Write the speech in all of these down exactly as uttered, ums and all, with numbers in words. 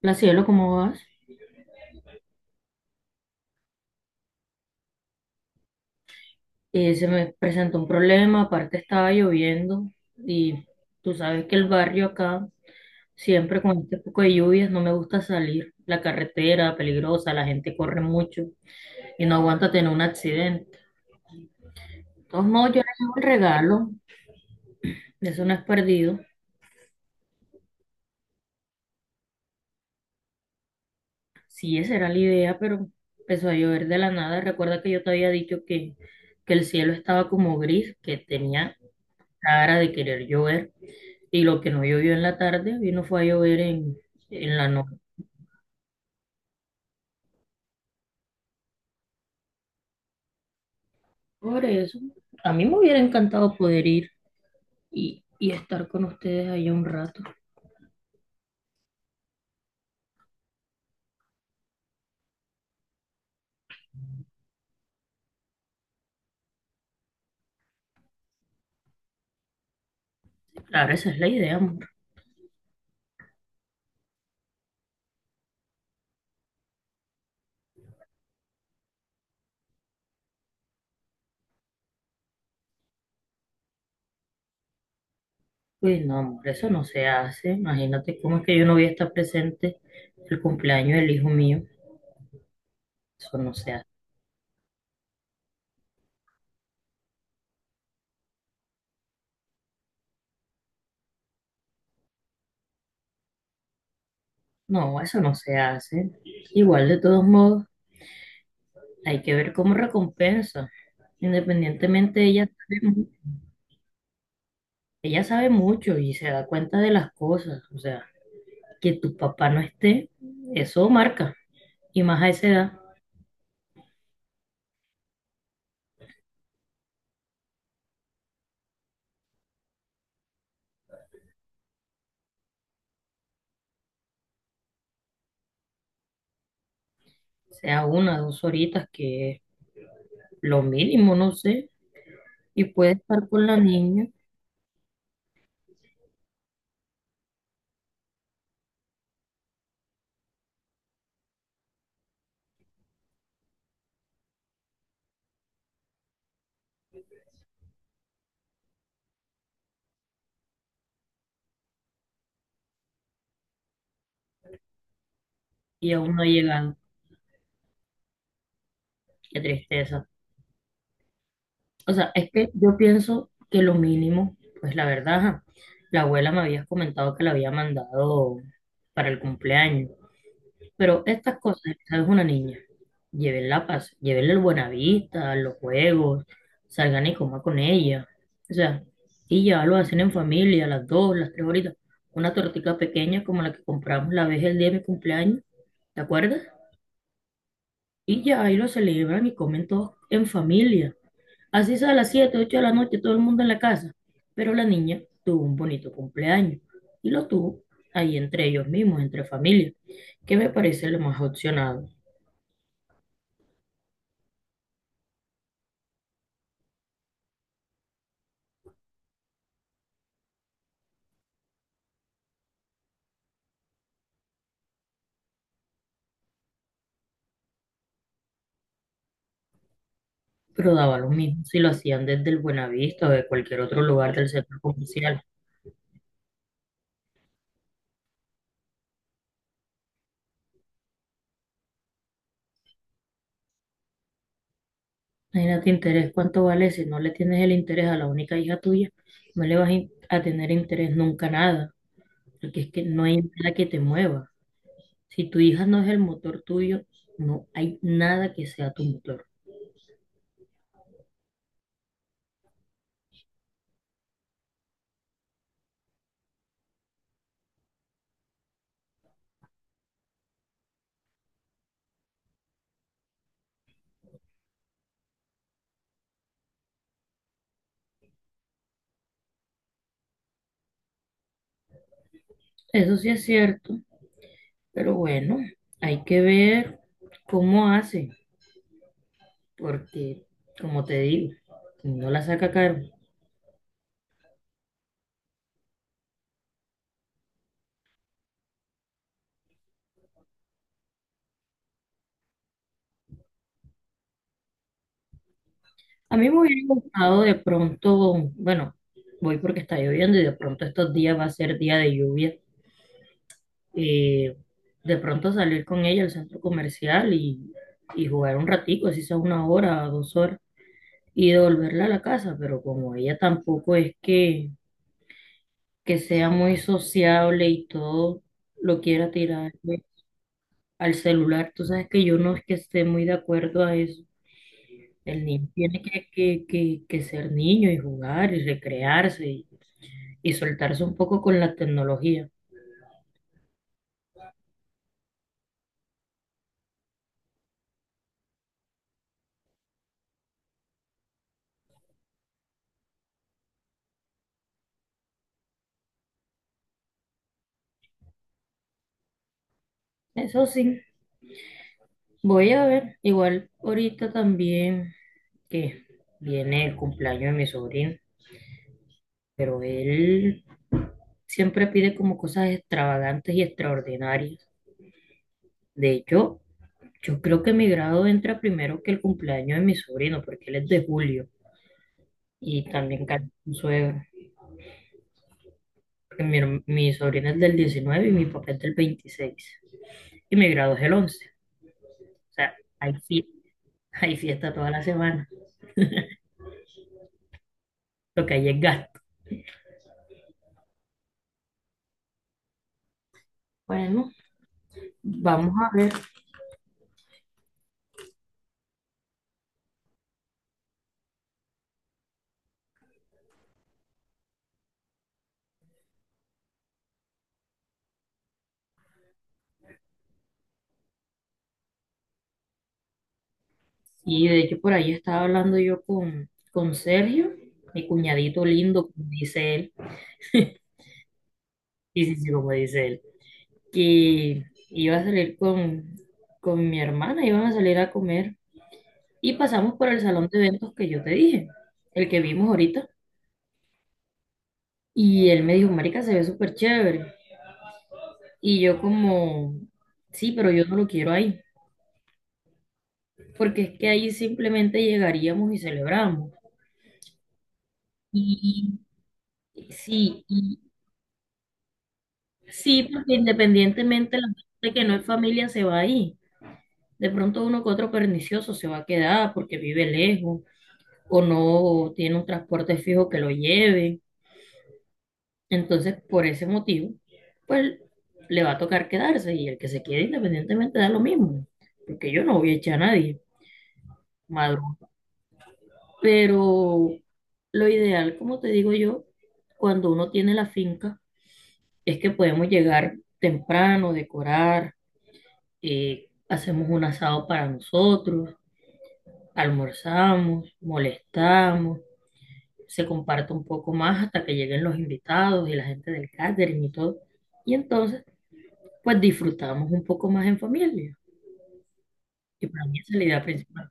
La cielo, ¿cómo vas? Eh, se me presentó un problema, aparte estaba lloviendo y tú sabes que el barrio acá, siempre con este poco de lluvias, no me gusta salir. La carretera peligrosa, la gente corre mucho y no aguanta tener un accidente. Entonces, no, yo le llevo el regalo, eso no es perdido. Sí, esa era la idea, pero empezó a llover de la nada. Recuerda que yo te había dicho que, que el cielo estaba como gris, que tenía cara de querer llover. Y lo que no llovió en la tarde, vino fue a llover en, en la noche. Por eso, a mí me hubiera encantado poder ir y, y estar con ustedes allá un rato. Claro, esa es la idea, amor. Pues no, amor, eso no se hace. Imagínate cómo es que yo no voy a estar presente el cumpleaños del hijo mío. Eso no se hace. No, eso no se hace. Igual, de todos modos, hay que ver cómo recompensa. Independientemente, ella sabe mu- ella sabe mucho y se da cuenta de las cosas. O sea, que tu papá no esté, eso marca. Y más a esa edad, sea una, dos horitas, que es lo mínimo, no sé. Y puede estar con la niña y aún no ha llegado. Qué tristeza. O sea, es que yo pienso que lo mínimo, pues la verdad, ajá, la abuela me había comentado que la había mandado para el cumpleaños. Pero estas cosas, ¿sabes? Una niña, llévenla, paz, llévenle el Buenavista, los juegos, salgan y coman con ella. O sea, y ya lo hacen en familia, a las dos, las tres horitas. Una tortita pequeña como la que compramos la vez el día de mi cumpleaños, ¿te acuerdas? Y ya ahí lo celebran y comen todos en familia. Así sea a las siete ocho de la noche, todo el mundo en la casa. Pero la niña tuvo un bonito cumpleaños y lo tuvo ahí entre ellos mismos, entre familia, que me parece lo más opcionado. Pero daba lo mismo si lo hacían desde el Buenavista o de cualquier otro lugar del centro comercial. Imagínate interés, ¿cuánto vale? Si no le tienes el interés a la única hija tuya, no le vas in- a tener interés nunca a nada, porque es que no hay nada que te mueva. Si tu hija no es el motor tuyo, no hay nada que sea tu motor. Eso sí es cierto, pero bueno, hay que ver cómo hace, porque como te digo, si no la saca caro. A mí me hubiera gustado de pronto, bueno, voy porque está lloviendo y de pronto estos días va a ser día de lluvia. eh, de pronto salir con ella al centro comercial y, y jugar un ratico, así sea una hora, dos horas, y devolverla a la casa, pero como ella tampoco es que, que sea muy sociable y todo lo quiera tirar al celular, tú sabes que yo no es que esté muy de acuerdo a eso. El niño tiene que, que, que, que ser niño y jugar y recrearse y soltarse un poco con la tecnología. Eso sí, voy a ver, igual ahorita también que viene el cumpleaños de mi sobrino, pero él siempre pide como cosas extravagantes y extraordinarias. De hecho, yo creo que mi grado entra primero que el cumpleaños de mi sobrino, porque él es de julio y también canta su suegro. Porque mi, herm- mi sobrino es del diecinueve y mi papá es del veintiséis. Y mi grado es el once. O sea, hay, fie- hay fiesta toda la semana. Lo que hay es gasto. Bueno, vamos a ver. Y de hecho por ahí estaba hablando yo con, con Sergio, mi cuñadito lindo, como dice él. Sí, sí, sí, como dice él. Que iba a salir con, con mi hermana, iban a salir a comer. Y pasamos por el salón de eventos que yo te dije, el que vimos ahorita. Y él me dijo, marica, se ve súper chévere. Y yo como, sí, pero yo no lo quiero ahí. Porque es que ahí simplemente llegaríamos y celebramos. Y y- sí, sí, porque independientemente la gente que no es familia se va ahí. De pronto uno que otro pernicioso se va a quedar porque vive lejos o no tiene un transporte fijo que lo lleve. Entonces, por ese motivo, pues le va a tocar quedarse y el que se quede independientemente da lo mismo, porque yo no voy a echar a nadie, madrugo. Pero lo ideal, como te digo yo, cuando uno tiene la finca, es que podemos llegar temprano, decorar, eh, hacemos un asado para nosotros, almorzamos, molestamos, se comparte un poco más hasta que lleguen los invitados y la gente del catering y todo. Y entonces, pues disfrutamos un poco más en familia. Y para mí esa es la idea principal.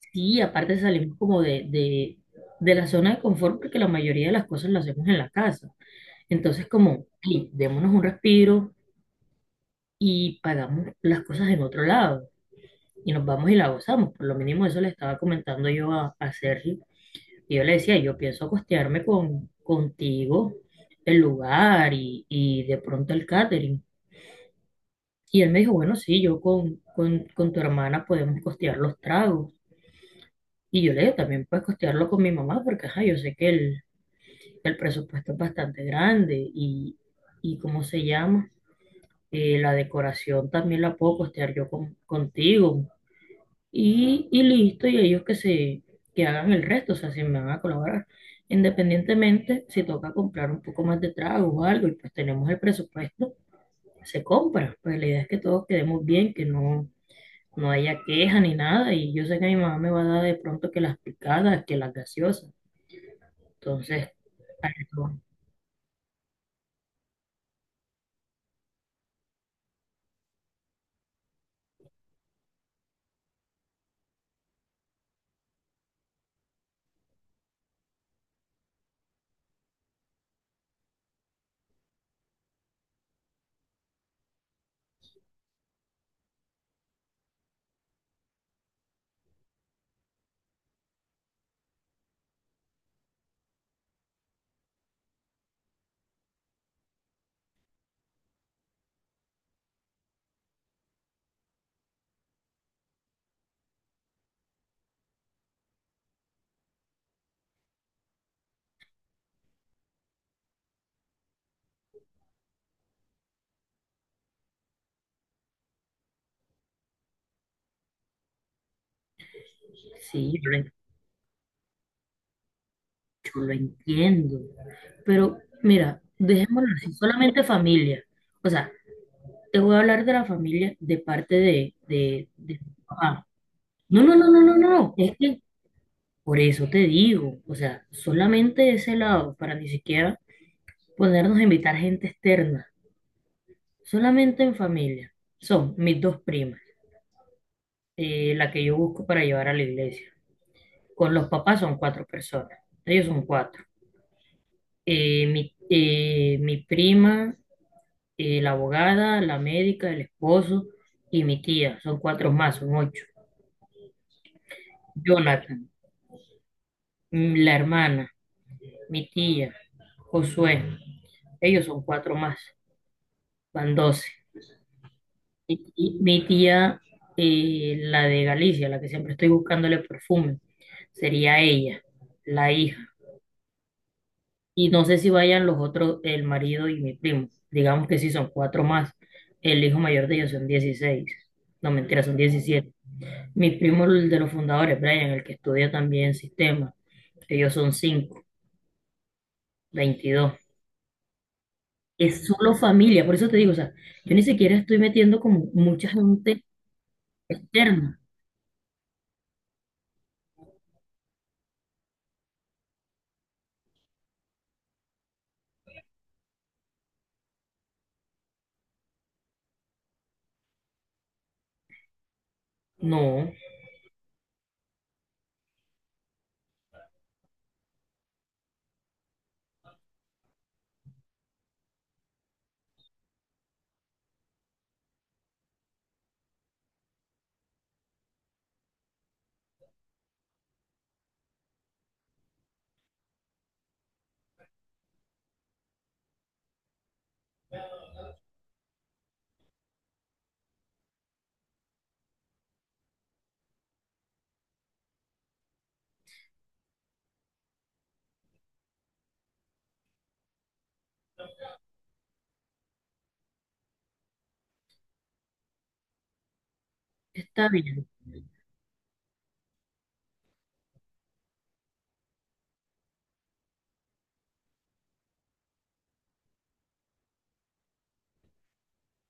Sí, aparte salimos como de, de, de la zona de confort porque la mayoría de las cosas las hacemos en la casa. Entonces, como, sí, démonos un respiro y pagamos las cosas en otro lado. Y nos vamos y la gozamos. Por lo mínimo eso le estaba comentando yo a, a Sergio. Y yo le decía, yo pienso costearme con, contigo el lugar y, y de pronto el catering. Y él me dijo, bueno, sí, yo con, con, con tu hermana podemos costear los tragos. Y yo le dije, también puedes costearlo con mi mamá, porque ajá, yo sé que el, el presupuesto es bastante grande y, y ¿cómo se llama? Eh, la decoración también la puedo costear yo con, contigo, y, y listo, y ellos que se, que hagan el resto, o sea, si me van a colaborar. Independientemente, si toca comprar un poco más de trago o algo, y pues tenemos el presupuesto, se compra. Pues la idea es que todos quedemos bien, que no, no haya queja ni nada, y yo sé que mi mamá me va a dar de pronto que las picadas, que las gaseosas. Entonces, a eso, sí, yo lo, yo lo entiendo. Pero mira, dejémoslo así, solamente familia. O sea, te voy a hablar de la familia de parte de, de, de tu papá. No, no, no, no, no, no. no. Es que por eso te digo, o sea, solamente ese lado, para ni siquiera ponernos a invitar gente externa, solamente en familia. Son mis dos primas, eh, la que yo busco para llevar a la iglesia. Con los papás son cuatro personas, ellos son cuatro. Eh, mi, eh, mi prima, eh, la abogada, la médica, el esposo y mi tía, son cuatro más, son ocho. Jonathan. Mm, la hermana, mi tía, Josué, ellos son cuatro más, van doce. Y, y mi tía, eh, la de Galicia, la que siempre estoy buscándole perfume, sería ella, la hija. Y no sé si vayan los otros, el marido y mi primo. Digamos que sí son cuatro más. El hijo mayor de ellos son dieciséis. No, mentira, son diecisiete. Mi primo, el de los fundadores, Brian, el que estudia también sistema, ellos son cinco, veintidós. Es solo familia, por eso te digo, o sea, yo ni siquiera estoy metiendo como mucha gente externa. No, está bien,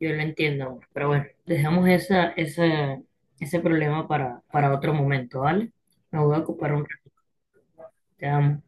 yo lo entiendo amor, pero bueno, dejamos esa, esa, ese problema para, para otro momento, ¿vale? Me voy a ocupar un rato, te amo.